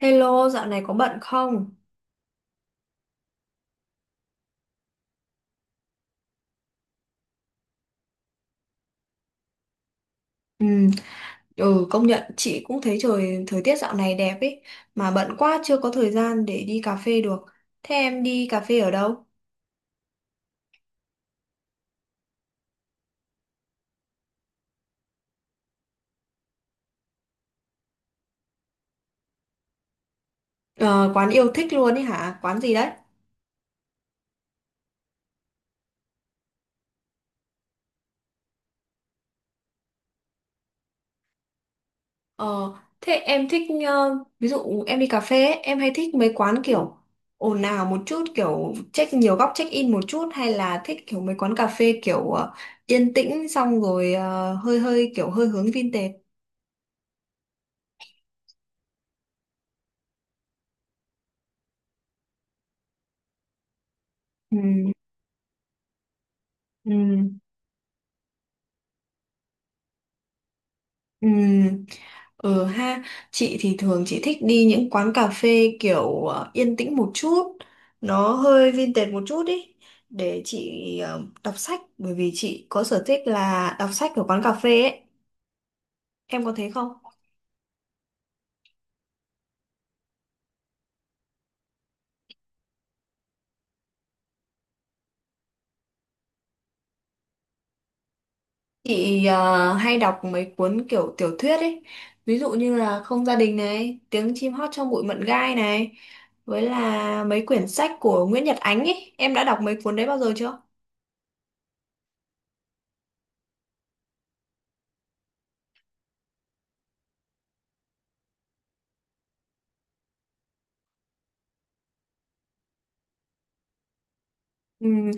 Hello, dạo này có bận không? Ừ, ừ, công nhận chị cũng thấy trời thời tiết dạo này đẹp ấy, mà bận quá chưa có thời gian để đi cà phê được. Thế em đi cà phê ở đâu? Ờ, quán yêu thích luôn ấy hả? Quán gì đấy? Ờ, thế em thích, ví dụ em đi cà phê ấy, em hay thích mấy quán kiểu ồn ào một chút, kiểu check nhiều góc, check in một chút, hay là thích kiểu mấy quán cà phê kiểu yên tĩnh, xong rồi hơi hơi kiểu hơi hướng vintage. Ừ. Ừ. Ừ. Ừ ha, chị thì thường chị thích đi những quán cà phê kiểu yên tĩnh một chút, nó hơi vintage một chút ý, để chị đọc sách, bởi vì chị có sở thích là đọc sách ở quán cà phê ấy, em có thấy không? Chị hay đọc mấy cuốn kiểu tiểu thuyết ấy, ví dụ như là Không gia đình này, Tiếng chim hót trong bụi mận gai này, với là mấy quyển sách của Nguyễn Nhật Ánh ấy, em đã đọc mấy cuốn đấy bao giờ chưa? Ừm,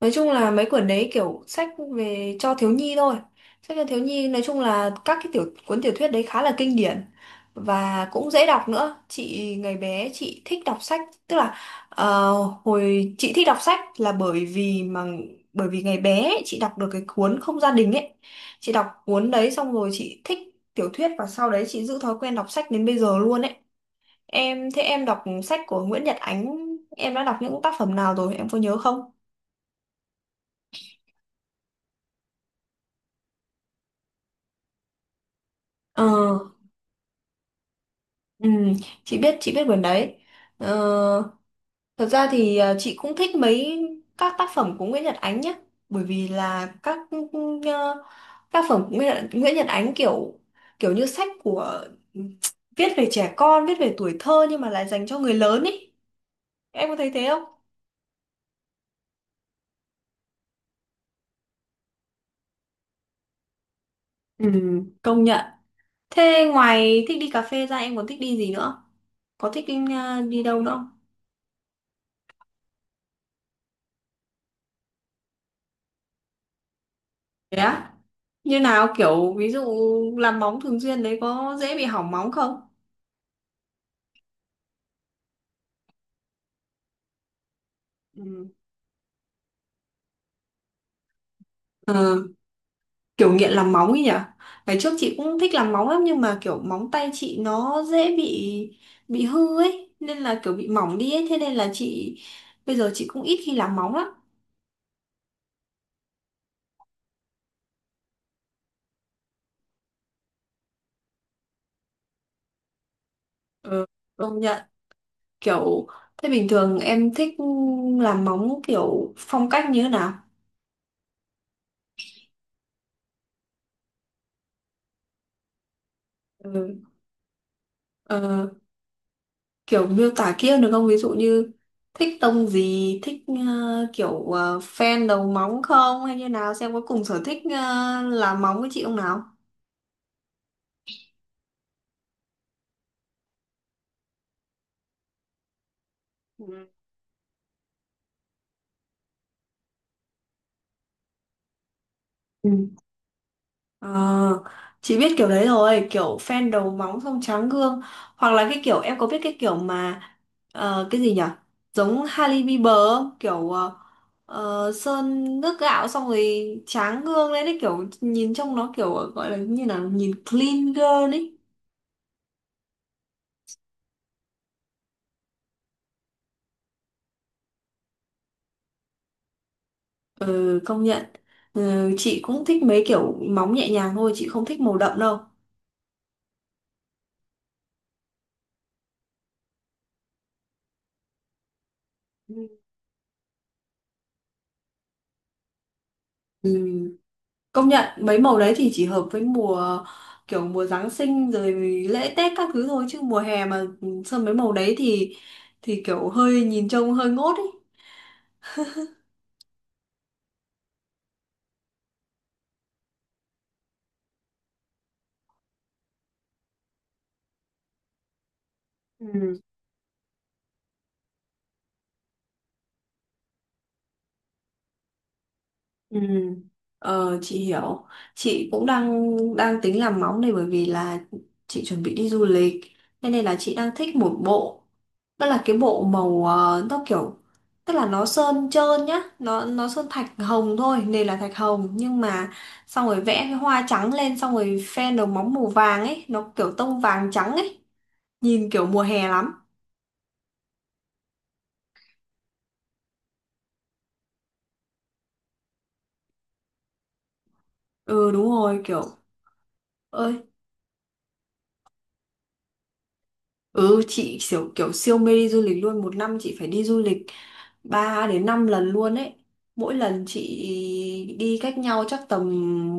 Nói chung là mấy quyển đấy kiểu sách về cho thiếu nhi thôi. Sách cho thiếu nhi nói chung là các cái cuốn tiểu thuyết đấy khá là kinh điển và cũng dễ đọc nữa. Chị ngày bé chị thích đọc sách, tức là ờ, hồi chị thích đọc sách là bởi vì ngày bé ấy, chị đọc được cái cuốn Không gia đình ấy. Chị đọc cuốn đấy xong rồi chị thích tiểu thuyết, và sau đấy chị giữ thói quen đọc sách đến bây giờ luôn ấy. Thế em đọc sách của Nguyễn Nhật Ánh, em đã đọc những tác phẩm nào rồi? Em có nhớ không? Ờ, ừ, chị biết quyển đấy. Ờ, thật ra thì chị cũng thích mấy các tác phẩm của Nguyễn Nhật Ánh nhé, bởi vì là các ờ, tác phẩm của Nguyễn Nhật Ánh kiểu kiểu như sách của viết về trẻ con, viết về tuổi thơ, nhưng mà lại dành cho người lớn ý. Em có thấy thế không? Ừ, công nhận. Thế ngoài thích đi cà phê ra em còn thích đi gì nữa? Có thích đi đâu nữa không? Thế á? Như nào, kiểu ví dụ làm móng thường xuyên đấy có dễ bị hỏng móng không? Ừ. Ờ, kiểu nghiện làm móng ấy nhỉ. Ngày trước chị cũng thích làm móng lắm, nhưng mà kiểu móng tay chị nó dễ bị hư ấy, nên là kiểu bị mỏng đi ấy, thế nên là bây giờ chị cũng ít khi làm móng lắm. Ừ, công nhận. Kiểu, thế bình thường em thích làm móng kiểu phong cách như thế nào? Ừ. Ờ, kiểu miêu tả kia được không? Ví dụ như thích tông gì, thích kiểu fan đầu móng không, hay như nào, xem có cùng sở thích làm móng với chị không nào. Ừ. Ừ. Ờ, chị biết kiểu đấy rồi, kiểu fan đầu móng xong tráng gương, hoặc là cái kiểu em có biết cái kiểu mà cái gì nhỉ, giống Hailey Bieber không? Kiểu sơn nước gạo xong rồi tráng gương lên đấy, kiểu nhìn trông nó kiểu gọi là như là nhìn clean girl ấy. Ừ, công nhận. Ừ, chị cũng thích mấy kiểu móng nhẹ nhàng thôi, chị không thích màu đậm đâu. Ừ. Ừ, công nhận mấy màu đấy thì chỉ hợp với mùa, kiểu mùa Giáng sinh rồi lễ Tết các thứ thôi, chứ mùa hè mà sơn mấy màu đấy thì kiểu hơi nhìn trông hơi ngốt ấy. Ừ. Ừ. Ờ, chị hiểu. Chị cũng đang đang tính làm móng này, bởi vì là chị chuẩn bị đi du lịch. Thế nên là chị đang thích một bộ, đó là cái bộ màu nó kiểu, tức là nó sơn trơn nhá, nó sơn thạch hồng thôi, nền là thạch hồng, nhưng mà xong rồi vẽ cái hoa trắng lên, xong rồi phe đầu móng màu vàng ấy, nó kiểu tông vàng trắng ấy, nhìn kiểu mùa hè lắm. Ừ đúng rồi, kiểu. Ơi. Ừ, chị kiểu siêu mê đi du lịch luôn. Một năm chị phải đi du lịch 3 đến 5 lần luôn ấy. Mỗi lần chị đi cách nhau chắc tầm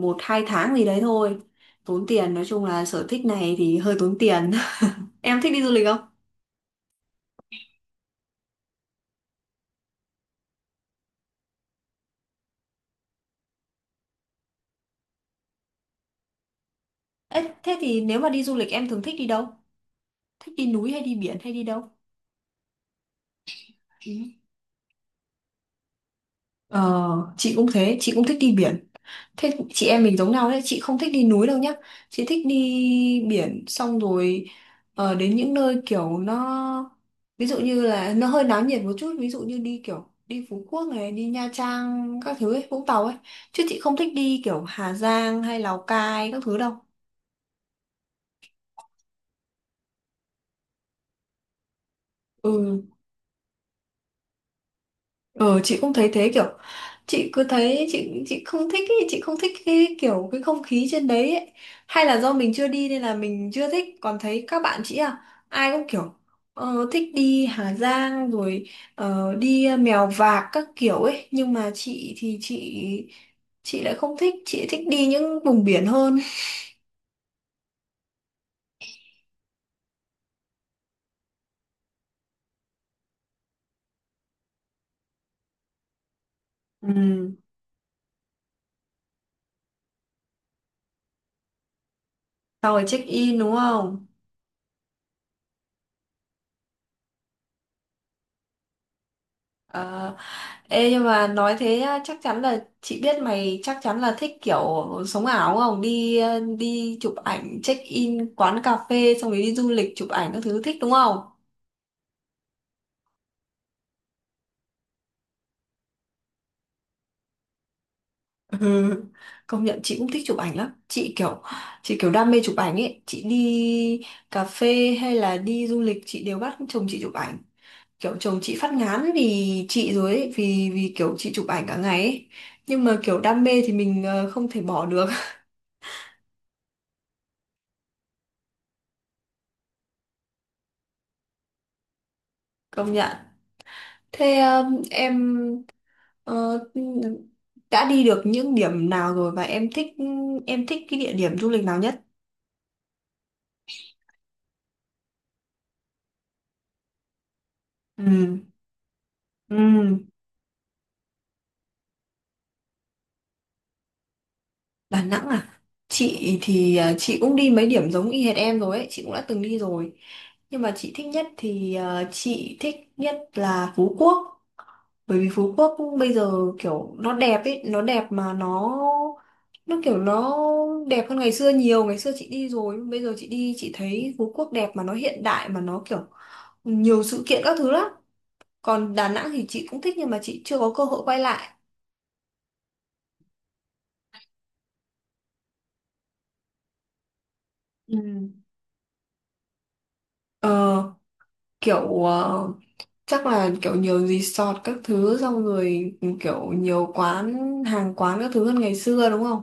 một hai tháng gì đấy thôi. Tốn tiền, nói chung là sở thích này thì hơi tốn tiền. Em thích đi du lịch không? Ê, thế thì nếu mà đi du lịch em thường thích đi đâu? Thích đi núi hay đi biển hay đi đâu? Ừ. Ờ, chị cũng thế, chị cũng thích đi biển. Thế chị em mình giống nhau đấy, chị không thích đi núi đâu nhá. Chị thích đi biển, xong rồi đến những nơi kiểu nó, ví dụ như là nó hơi náo nhiệt một chút, ví dụ như đi kiểu đi Phú Quốc này, đi Nha Trang các thứ ấy, Vũng Tàu ấy. Chứ chị không thích đi kiểu Hà Giang hay Lào Cai các thứ đâu. Ừ. Ờ, chị cũng thấy thế, kiểu chị cứ thấy chị không thích ý, chị không thích cái kiểu cái không khí trên đấy ấy. Hay là do mình chưa đi nên là mình chưa thích, còn thấy các bạn chị à, ai cũng kiểu thích đi Hà Giang rồi, đi Mèo Vạc các kiểu ấy, nhưng mà chị thì chị lại không thích, chị thích đi những vùng biển hơn. Ừ. Xong rồi check in đúng không? Ờ. Ê, nhưng mà nói thế á, chắc chắn là chị biết mày chắc chắn là thích kiểu sống ảo đúng không? Đi chụp ảnh, check in quán cà phê, xong rồi đi du lịch chụp ảnh các thứ thích đúng không? Ừ. Công nhận chị cũng thích chụp ảnh lắm. Chị kiểu đam mê chụp ảnh ấy, chị đi cà phê hay là đi du lịch chị đều bắt chồng chị chụp ảnh. Kiểu chồng chị phát ngán vì chị rồi ấy, vì vì kiểu chị chụp ảnh cả ngày ấy. Nhưng mà kiểu đam mê thì mình không thể bỏ được. Công nhận. Thế em Ờ, đã đi được những điểm nào rồi, và em thích cái địa điểm du lịch nào nhất? Ừ. Ừ. Đà Nẵng à? Chị thì à, chị cũng đi mấy điểm giống y hệt em rồi ấy, chị cũng đã từng đi rồi. Nhưng mà chị thích nhất thì à, chị thích nhất là Phú Quốc. Bởi vì Phú Quốc bây giờ kiểu nó đẹp ấy, nó đẹp mà nó kiểu nó đẹp hơn ngày xưa nhiều. Ngày xưa chị đi rồi, bây giờ chị đi chị thấy Phú Quốc đẹp mà nó hiện đại mà nó kiểu nhiều sự kiện các thứ lắm. Còn Đà Nẵng thì chị cũng thích nhưng mà chị chưa có cơ hội quay lại. Ừ. Ờ, kiểu chắc là kiểu nhiều resort các thứ, xong rồi kiểu nhiều hàng quán các thứ hơn ngày xưa đúng không?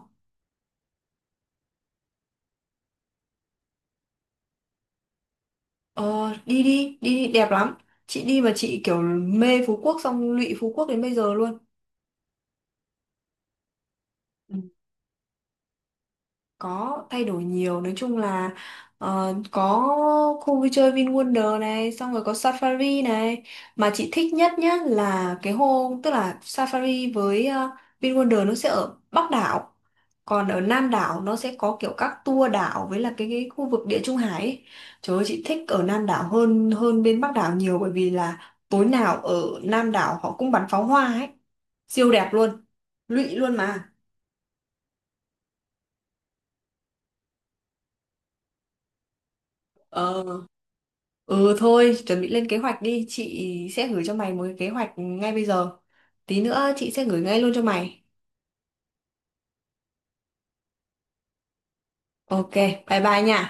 Ờ, đi đi, đi đi đẹp lắm. Chị đi mà chị kiểu mê Phú Quốc, xong lụy Phú Quốc đến bây giờ luôn. Có thay đổi nhiều, nói chung là có khu vui chơi VinWonder này, xong rồi có Safari này, mà chị thích nhất nhá là cái hôm, tức là Safari với VinWonder nó sẽ ở Bắc đảo, còn ở Nam đảo nó sẽ có kiểu các tour đảo, với là cái khu vực Địa Trung Hải ấy. Trời ơi, chị thích ở Nam đảo hơn hơn bên Bắc đảo nhiều, bởi vì là tối nào ở Nam đảo họ cũng bắn pháo hoa ấy, siêu đẹp luôn, lụy luôn mà. ờ Ừ thôi, chuẩn bị lên kế hoạch đi, chị sẽ gửi cho mày một cái kế hoạch ngay bây giờ. Tí nữa chị sẽ gửi ngay luôn cho mày. Ok, bye bye nha.